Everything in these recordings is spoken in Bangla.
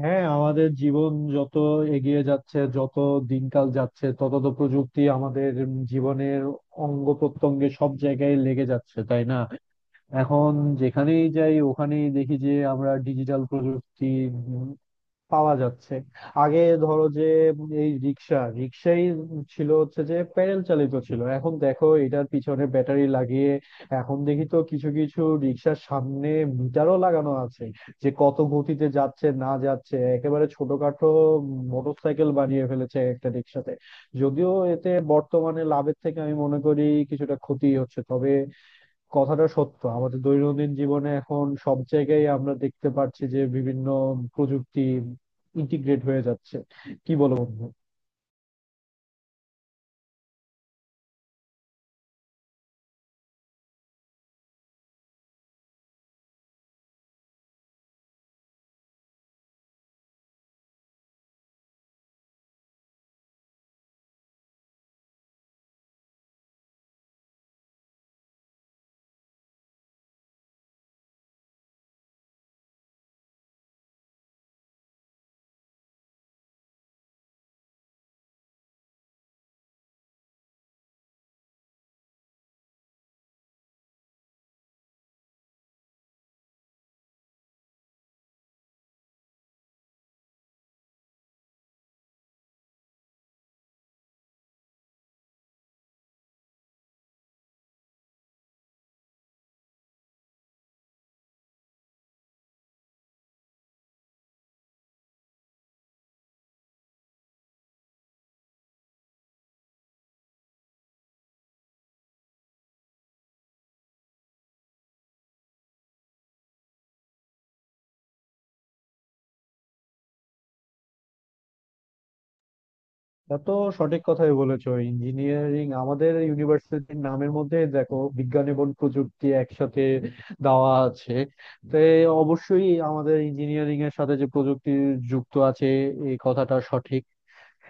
হ্যাঁ, আমাদের জীবন যত এগিয়ে যাচ্ছে, যত দিনকাল যাচ্ছে, তত তো প্রযুক্তি আমাদের জীবনের অঙ্গ প্রত্যঙ্গে সব জায়গায় লেগে যাচ্ছে, তাই না? এখন যেখানেই যাই ওখানেই দেখি যে আমরা ডিজিটাল প্রযুক্তি পাওয়া যাচ্ছে। আগে ধরো যে এই রিক্সা রিক্সাই ছিল, হচ্ছে যে প্যাডেল চালিত ছিল, এখন দেখো এটার পিছনে ব্যাটারি লাগিয়ে এখন দেখি তো কিছু কিছু রিক্সার সামনে মিটারও লাগানো আছে, যে কত গতিতে যাচ্ছে না যাচ্ছে, একেবারে ছোটখাটো মোটরসাইকেল বানিয়ে ফেলেছে একটা রিক্সাতে। যদিও এতে বর্তমানে লাভের থেকে আমি মনে করি কিছুটা ক্ষতি হচ্ছে, তবে কথাটা সত্য, আমাদের দৈনন্দিন জীবনে এখন সব জায়গায় আমরা দেখতে পাচ্ছি যে বিভিন্ন প্রযুক্তি ইন্টিগ্রেট হয়ে যাচ্ছে। কি বলো বন্ধু? তা তো সঠিক কথাই বলেছো, ইঞ্জিনিয়ারিং আমাদের ইউনিভার্সিটির নামের মধ্যে দেখো বিজ্ঞান এবং প্রযুক্তি একসাথে দেওয়া আছে। তো অবশ্যই আমাদের ইঞ্জিনিয়ারিং এর সাথে যে প্রযুক্তি যুক্ত আছে, এই কথাটা সঠিক।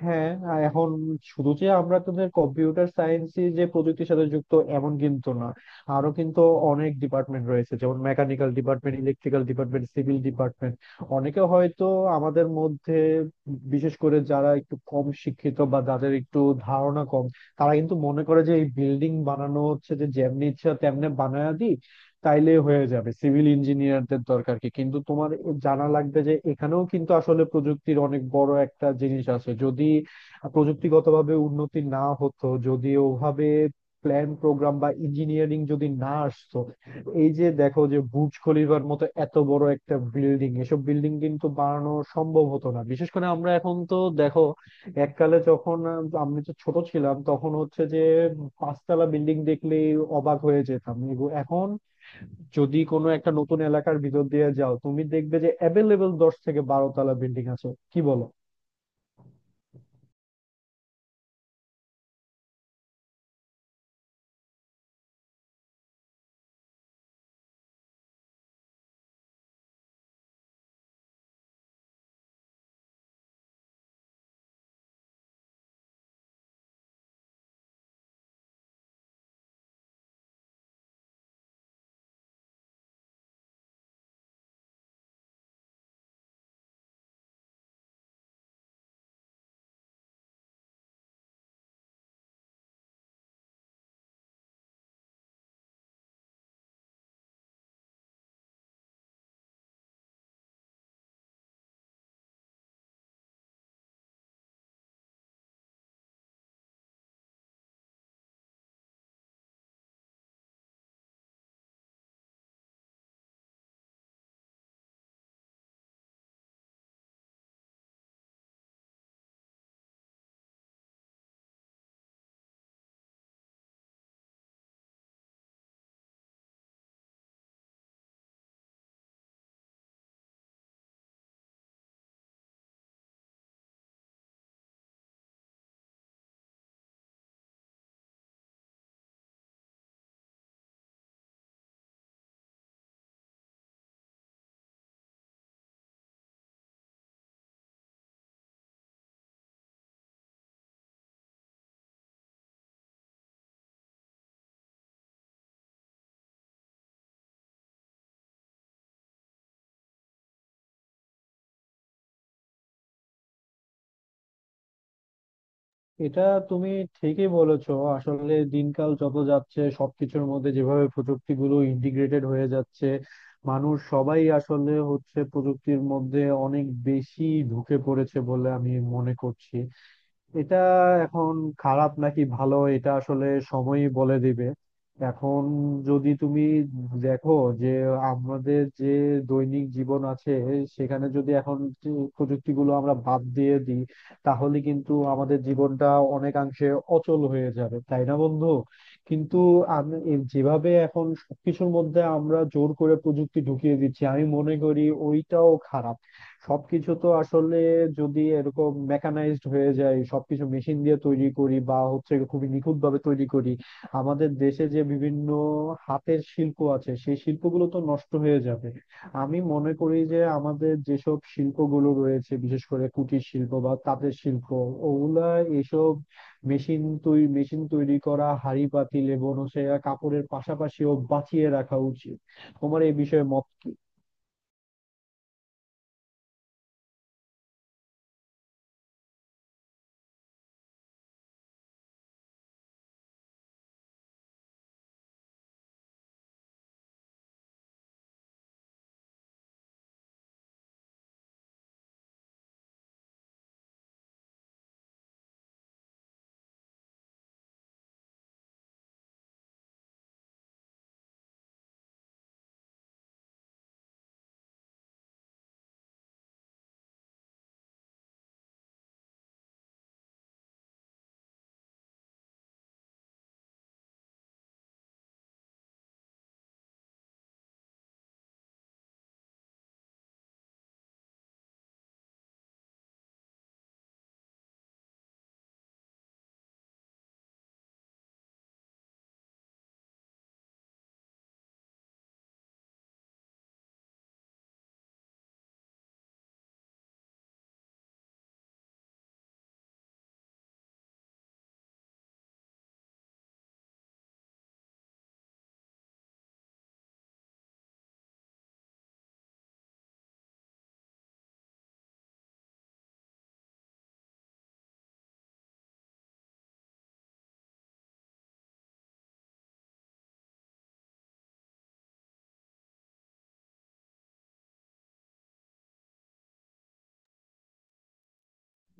হ্যাঁ, আর এখন শুধু যে আমরা তোদের কম্পিউটার সায়েন্স যে প্রযুক্তির সাথে যুক্ত, এমন কিন্তু না, আরো কিন্তু অনেক ডিপার্টমেন্ট রয়েছে, যেমন mechanical department, electrical department, civil department. অনেকে হয়তো আমাদের মধ্যে, বিশেষ করে যারা একটু কম শিক্ষিত বা যাদের একটু ধারণা কম, তারা কিন্তু মনে করে যে এই বিল্ডিং বানানো হচ্ছে যে যেমনি ইচ্ছা তেমনি বানায় দিই, তাইলে হয়ে যাবে, সিভিল ইঞ্জিনিয়ারদের দরকার কি? কিন্তু তোমার জানা লাগবে যে এখানেও কিন্তু আসলে প্রযুক্তির অনেক বড় একটা জিনিস আছে। যদি প্রযুক্তিগতভাবে উন্নতি না হতো, যদি ওভাবে প্ল্যান প্রোগ্রাম বা ইঞ্জিনিয়ারিং যদি না আসতো, এই যে দেখো যে বুর্জ খলিফার মতো এত বড় একটা বিল্ডিং, এসব বিল্ডিং কিন্তু বানানো সম্ভব হতো না। বিশেষ করে আমরা এখন তো দেখো, এককালে যখন আমি তো ছোট ছিলাম, তখন হচ্ছে যে পাঁচতলা বিল্ডিং দেখলেই অবাক হয়ে যেতাম। এখন যদি কোনো একটা নতুন এলাকার ভিতর দিয়ে যাও, তুমি দেখবে যে অ্যাভেলেবেল 10 থেকে 12 তলা বিল্ডিং আছে। কি বলো? এটা তুমি ঠিকই বলেছো, আসলে দিনকাল যত যাচ্ছে সবকিছুর মধ্যে যেভাবে প্রযুক্তিগুলো ইন্টিগ্রেটেড হয়ে যাচ্ছে, মানুষ সবাই আসলে হচ্ছে প্রযুক্তির মধ্যে অনেক বেশি ঢুকে পড়েছে বলে আমি মনে করছি। এটা এখন খারাপ নাকি ভালো, এটা আসলে সময়ই বলে দিবে। এখন যদি তুমি দেখো যে আমাদের যে দৈনিক জীবন আছে, সেখানে যদি এখন যে প্রযুক্তিগুলো আমরা বাদ দিয়ে দিই, তাহলে কিন্তু আমাদের জীবনটা অনেকাংশে অচল হয়ে যাবে, তাই না বন্ধু? কিন্তু আমি যেভাবে এখন সবকিছুর মধ্যে আমরা জোর করে প্রযুক্তি ঢুকিয়ে দিচ্ছি, আমি মনে করি ওইটাও খারাপ। সবকিছু তো আসলে যদি এরকম মেকানাইজড হয়ে যায়, সবকিছু মেশিন দিয়ে তৈরি করি বা হচ্ছে খুবই নিখুঁত ভাবে তৈরি করি, আমাদের দেশে যে বিভিন্ন হাতের শিল্প আছে, সেই শিল্পগুলো তো নষ্ট হয়ে যাবে। আমি মনে করি যে আমাদের যেসব শিল্পগুলো রয়েছে, বিশেষ করে কুটির শিল্প বা তাঁতের শিল্প, ওগুলা এসব মেশিন তৈরি করা হাঁড়ি পাতিল এবং সে কাপড়ের পাশাপাশিও বাঁচিয়ে রাখা উচিত। তোমার এই বিষয়ে মত কি?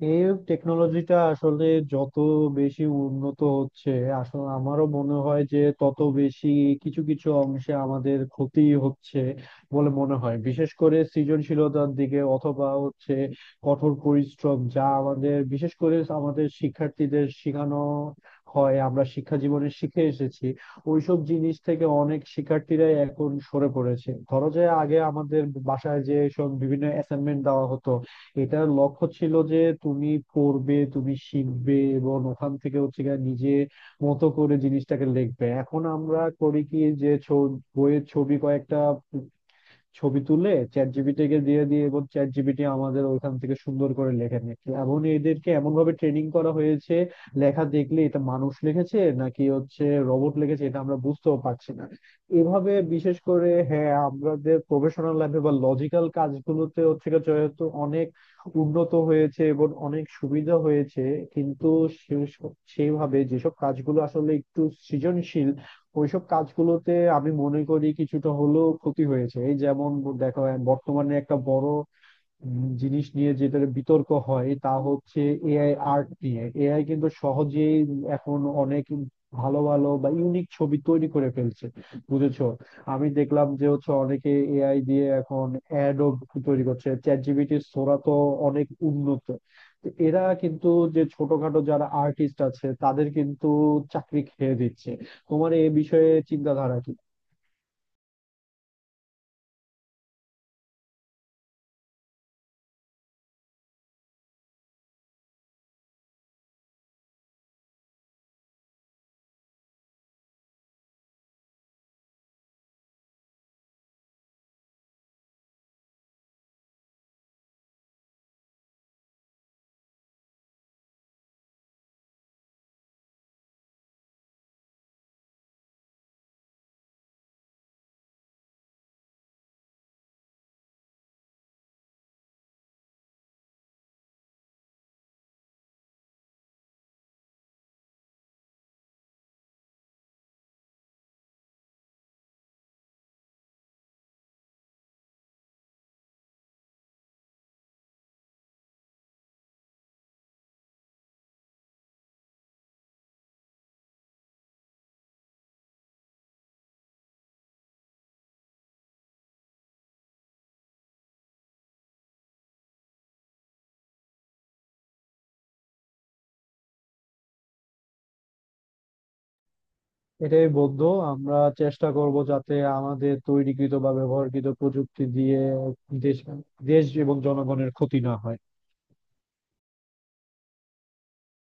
এই টেকনোলজিটা আসলে যত বেশি উন্নত হচ্ছে, আসলে আমারও মনে হয় যে তত বেশি কিছু কিছু অংশে আমাদের ক্ষতি হচ্ছে বলে মনে হয়, বিশেষ করে সৃজনশীলতার দিকে। অথবা হচ্ছে কঠোর পরিশ্রম, যা আমাদের বিশেষ করে আমাদের শিক্ষার্থীদের শেখানো হয়, আমরা শিক্ষা জীবনে শিখে এসেছি, ওইসব জিনিস থেকে অনেক শিক্ষার্থীরাই এখন সরে পড়েছে। ধরো যে আগে আমাদের বাসায় যে সব বিভিন্ন অ্যাসাইনমেন্ট দেওয়া হতো, এটার লক্ষ্য ছিল যে তুমি পড়বে, তুমি শিখবে এবং ওখান থেকে হচ্ছে গিয়ে নিজে মতো করে জিনিসটাকে লিখবে। এখন আমরা করি কি, যে বইয়ের ছবি কয়েকটা ছবি তুলে চ্যাট জিপিটিকে দিয়ে দিয়ে, এবং চ্যাট জিপিটি আমাদের ওইখান থেকে সুন্দর করে লেখে নিচ্ছে, এমন এদেরকে এমন ভাবে ট্রেনিং করা হয়েছে, লেখা দেখলে এটা মানুষ লিখেছে নাকি হচ্ছে রোবট লিখেছে এটা আমরা বুঝতেও পারছি না। এভাবে বিশেষ করে হ্যাঁ আমাদের প্রফেশনাল লাইফে বা লজিক্যাল কাজগুলোতে হচ্ছে গিয়ে যেহেতু অনেক উন্নত হয়েছে এবং অনেক সুবিধা হয়েছে, কিন্তু সেইভাবে যেসব কাজগুলো আসলে একটু সৃজনশীল, ওইসব কাজগুলোতে আমি মনে করি কিছুটা হলেও ক্ষতি হয়েছে। এই যেমন দেখো, বর্তমানে একটা বড় জিনিস নিয়ে যেটা বিতর্ক হয় তা হচ্ছে এআই আর্ট নিয়ে। এআই কিন্তু সহজেই এখন অনেক ভালো ভালো বা ইউনিক ছবি তৈরি করে ফেলছে। বুঝেছো? আমি দেখলাম যে হচ্ছে অনেকে এআই দিয়ে এখন অ্যাডও তৈরি করছে। চ্যাট জিপিটি সোরা তো অনেক উন্নত, তো এরা কিন্তু যে ছোটখাটো যারা আর্টিস্ট আছে তাদের কিন্তু চাকরি খেয়ে দিচ্ছে। তোমার এই বিষয়ে চিন্তাধারা কি? এটাই বলতো, আমরা চেষ্টা করব যাতে আমাদের তৈরিকৃত বা ব্যবহারকৃত প্রযুক্তি দিয়ে দেশ দেশ এবং জনগণের ক্ষতি না হয়।